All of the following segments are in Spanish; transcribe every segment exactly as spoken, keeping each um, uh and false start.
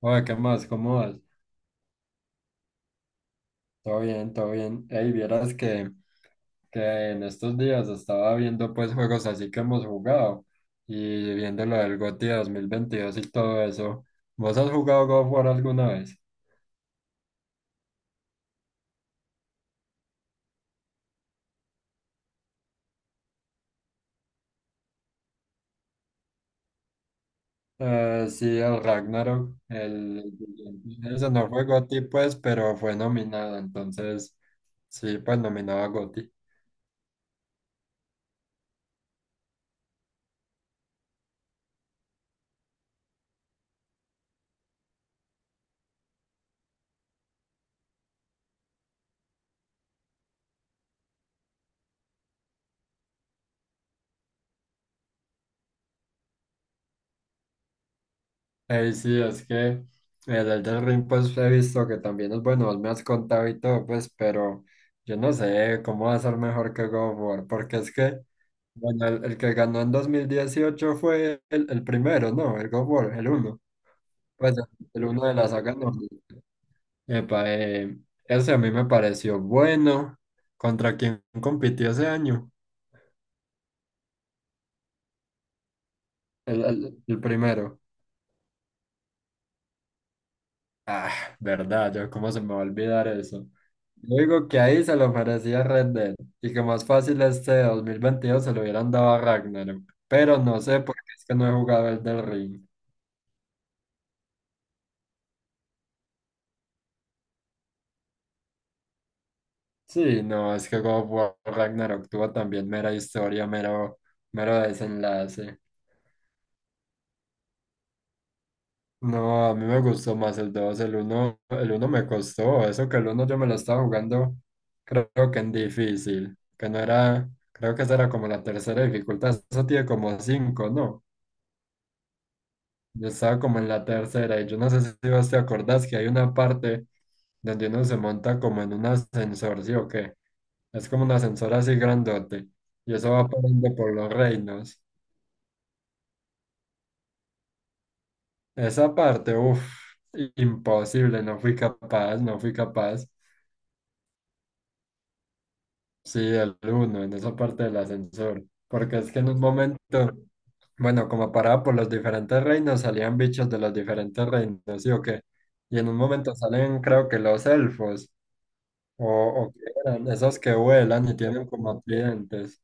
Oye, ¿qué más? ¿Cómo vas? Todo bien, todo bien. Ey, vieras que, que en estos días estaba viendo pues juegos así que hemos jugado y viendo lo del GOTY dos mil veintidós y todo eso. ¿Vos has jugado God of War alguna vez? Eh, sí, el Ragnarok, el... Ese no fue GOTY pues, pero fue nominado, entonces sí, pues nominado a GOTY. Ey, sí, es que el Elden Ring, pues he visto que también es bueno, vos me has contado y todo, pues, pero yo no sé cómo va a ser mejor que God of War, porque es que, bueno, el, el que ganó en dos mil dieciocho fue el, el primero, ¿no? El God of War, el uno, pues, el uno de la saga nórdica. Epa, eh, ese a mí me pareció bueno. ¿Contra quién compitió ese año? El, el, el primero. Ah, verdad, yo cómo se me va a olvidar eso. Yo digo que ahí se lo merecía Red Dead y que más fácil este dos mil veintidós se lo hubieran dado a Ragnarok. Pero no sé por qué es que no he jugado el del Ring. Sí, no, es que God of War Ragnarok tuvo también mera historia, mero, mero desenlace. No, a mí me gustó más el dos. El uno el uno me costó, eso que el uno yo me lo estaba jugando, creo que en difícil, que no era, creo que esa era como la tercera dificultad, eso tiene como cinco, ¿no? Yo estaba como en la tercera y yo no sé si vos te acordás que hay una parte donde uno se monta como en un ascensor, ¿sí o qué? Es como un ascensor así grandote y eso va parando por los reinos. Esa parte, uff, imposible, no fui capaz, no fui capaz. Sí, el uno, en esa parte del ascensor. Porque es que en un momento, bueno, como paraba por los diferentes reinos, salían bichos de los diferentes reinos, ¿sí o qué? Y en un momento salen, creo que los elfos, o, o, qué eran, esos que vuelan y tienen como clientes,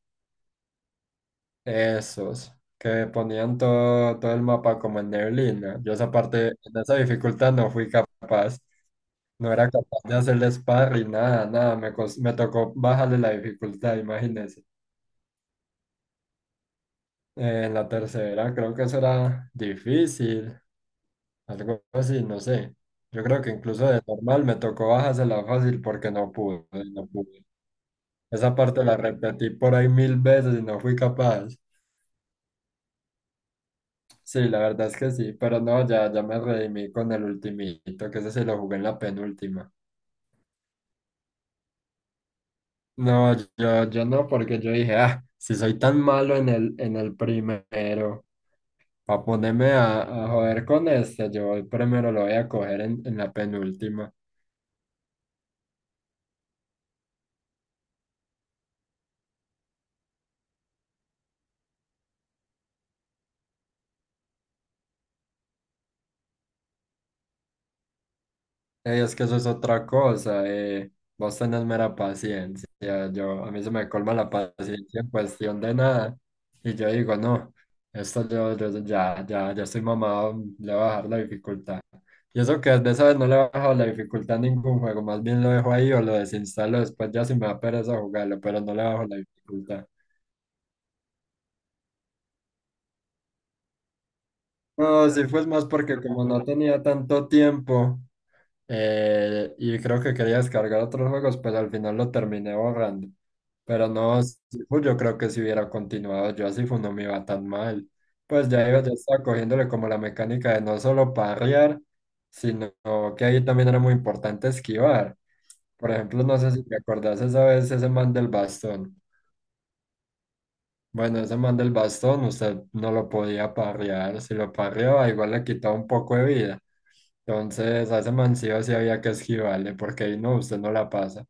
esos, que ponían todo, todo el mapa como en neblina. Yo esa parte, en esa dificultad no fui capaz, no era capaz de hacerle sparring, nada, nada, me, cos- me tocó bajarle la dificultad, imagínense. Eh, en la tercera creo que eso era difícil, algo así, no sé. Yo creo que incluso de normal me tocó bajársela fácil porque no pude, no pude. Esa parte la repetí por ahí mil veces y no fui capaz. Sí, la verdad es que sí, pero no, ya, ya me redimí con el ultimito, que ese se lo jugué en la penúltima. No, yo, yo no, porque yo dije, ah, si soy tan malo en el, en el primero, para ponerme a, a joder con este, yo el primero lo voy a coger en, en la penúltima. Ey, es que eso es otra cosa, eh. Vos tenés mera paciencia. Yo, a mí se me colma la paciencia en cuestión de nada. Y yo digo, no, esto yo, yo- yo ya, ya, ya estoy mamado, le voy a bajar la dificultad. Y eso que de esa vez no le he bajado la dificultad a ningún juego, más bien lo dejo ahí o lo desinstalo después ya si me da pereza jugarlo, pero no le bajo la dificultad. No, sí fue más porque como no tenía tanto tiempo. eh, y creo que quería descargar otros juegos, pues al final lo terminé borrando. Pero no, Sifu, yo creo que si hubiera continuado yo a Sifu no me iba tan mal. Pues ya iba, ya estaba cogiéndole como la mecánica de no solo parrear, sino que ahí también era muy importante esquivar. Por ejemplo, no sé si te acordás esa vez ese man del bastón. Bueno, ese man del bastón, usted no lo podía parrear. Si lo parreaba, igual le quitaba un poco de vida. Entonces, a ese man sí o sí había que esquivarle, porque ahí no, usted no la pasa.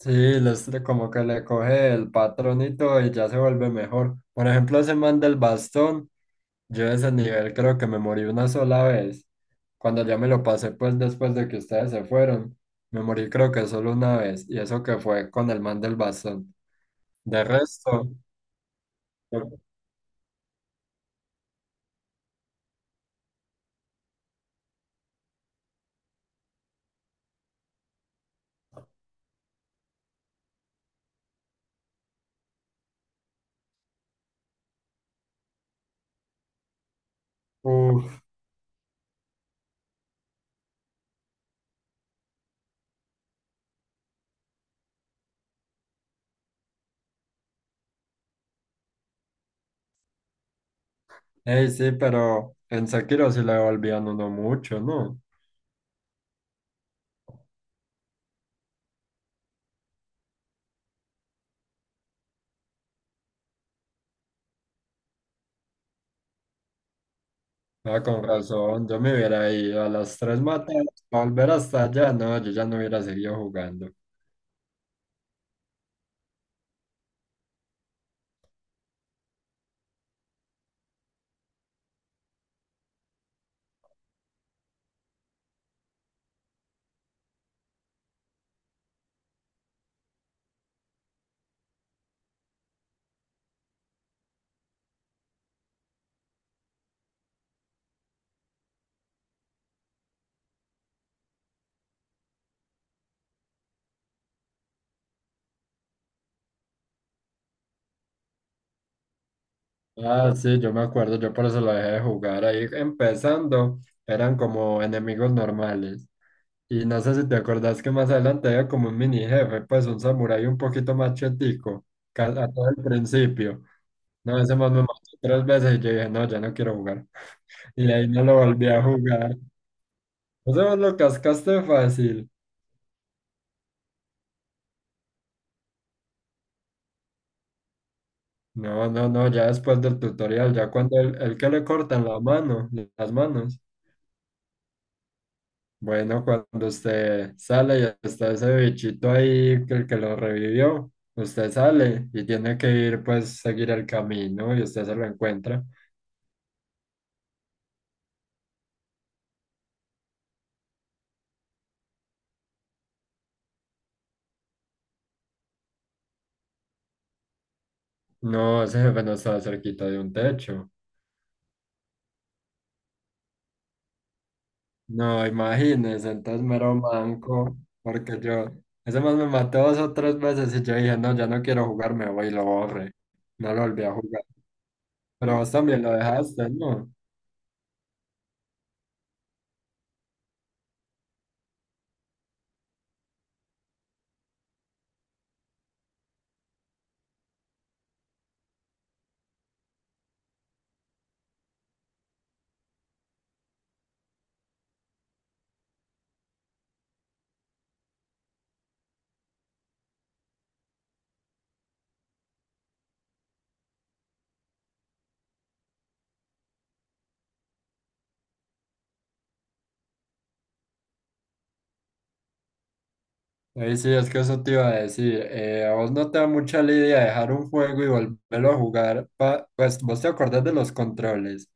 Sí, les, como que le coge el patronito y ya se vuelve mejor. Por ejemplo, ese man del bastón, yo de ese nivel creo que me morí una sola vez. Cuando ya me lo pasé, pues después de que ustedes se fueron, me morí creo que solo una vez, y eso que fue con el man del bastón. De resto, yo- uf. Ey, sí, pero en Sekiro sí le volvían uno mucho, ¿no? Ah, con razón, yo me hubiera ido a las tres matadas, volver hasta allá, no, yo ya no hubiera seguido jugando. Ah, sí, yo me acuerdo, yo por eso lo dejé de jugar ahí empezando, eran como enemigos normales. Y no sé si te acordás que más adelante había como un mini jefe, pues un samurái un poquito más chetico, ca- a todo el principio. No, ese más me mató tres veces y yo dije, no, ya no quiero jugar. Y ahí no lo volví a jugar. Eso vos lo cascaste fácil. No, no, no, ya después del tutorial, ya cuando el, el que le cortan la mano, las manos. Bueno, cuando usted sale y está ese bichito ahí, que el que lo revivió, usted sale y tiene que ir, pues, seguir el camino y usted se lo encuentra. No, ese jefe no estaba cerquita de un techo. No, imagínese, entonces mero manco, porque yo, ese más me mató dos o tres veces y yo dije, no, ya no quiero jugar, me voy y lo borré. No lo volví a jugar. Pero vos también lo dejaste, ¿no? Ahí sí, es que eso te iba a decir. Eh, a vos no te da mucha lidia dejar un juego y volverlo a jugar. pa- pues vos te acordás de los controles.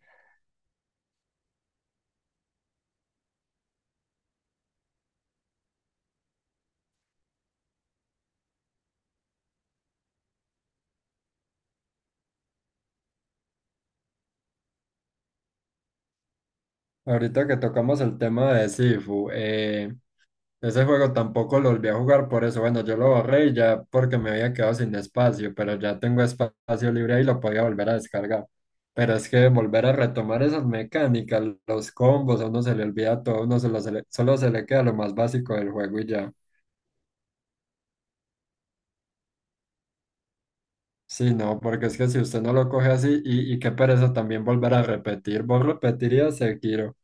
Ahorita que tocamos el tema de Sifu, eh, ese juego tampoco lo volví a jugar por eso. Bueno, yo lo borré y ya porque me había quedado sin espacio, pero ya tengo espacio libre y lo podía volver a descargar. Pero es que volver a retomar esas mecánicas, los combos, a uno se le olvida todo, a uno se lo- se le- solo se le queda lo más básico del juego y ya. Sí, no, porque es que si usted no lo coge así, y, y qué pereza también volver a repetir, vos repetirías Sekiro.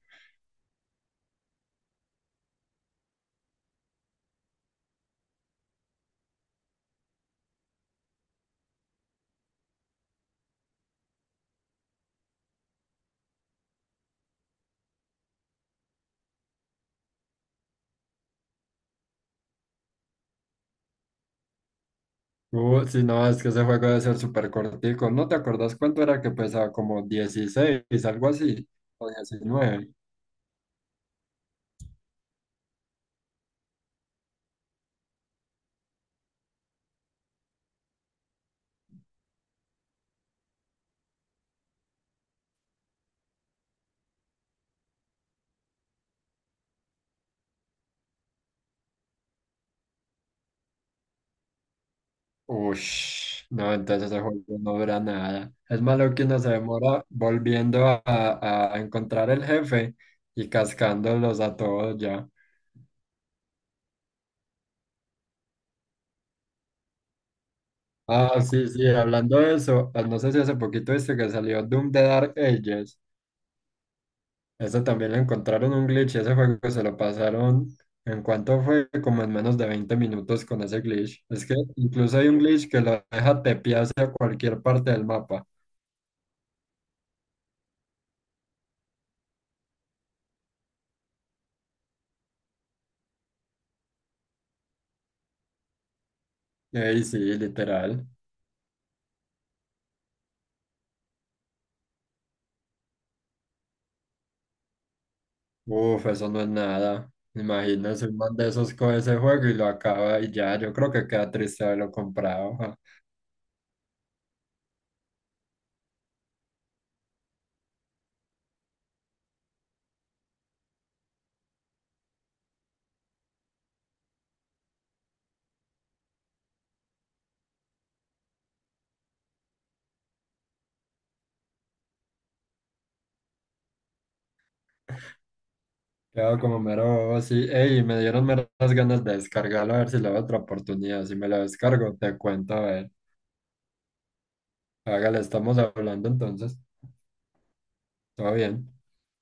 Uh, si no, es que ese juego debe ser súper cortico. ¿No te acordás cuánto era que pesaba? Como dieciséis, algo así, o diecinueve. Ush, no, entonces ese juego no dura nada. Es malo que uno se demora volviendo a, a- a encontrar el jefe y cascándolos a todos ya. Ah, sí, sí, hablando de eso, ah, no sé si hace poquito viste que salió Doom de Dark Ages. Eso también le encontraron un glitch y ese juego se lo pasaron en cuanto fue como en menos de veinte minutos con ese glitch. Es que incluso hay un glitch que lo deja tepear hacia cualquier parte del mapa. Ey, sí, literal. Uf, eso no es nada. Imagínese un man de esos con ese juego y lo acaba y ya. Yo creo que queda triste haberlo comprado. Ja. Queda como mero bobo, sí. Ey, me dieron meras ganas de descargarlo a ver si le doy otra oportunidad. Si me lo descargo, te cuento, a ver. Hágale, estamos hablando entonces. Todo bien.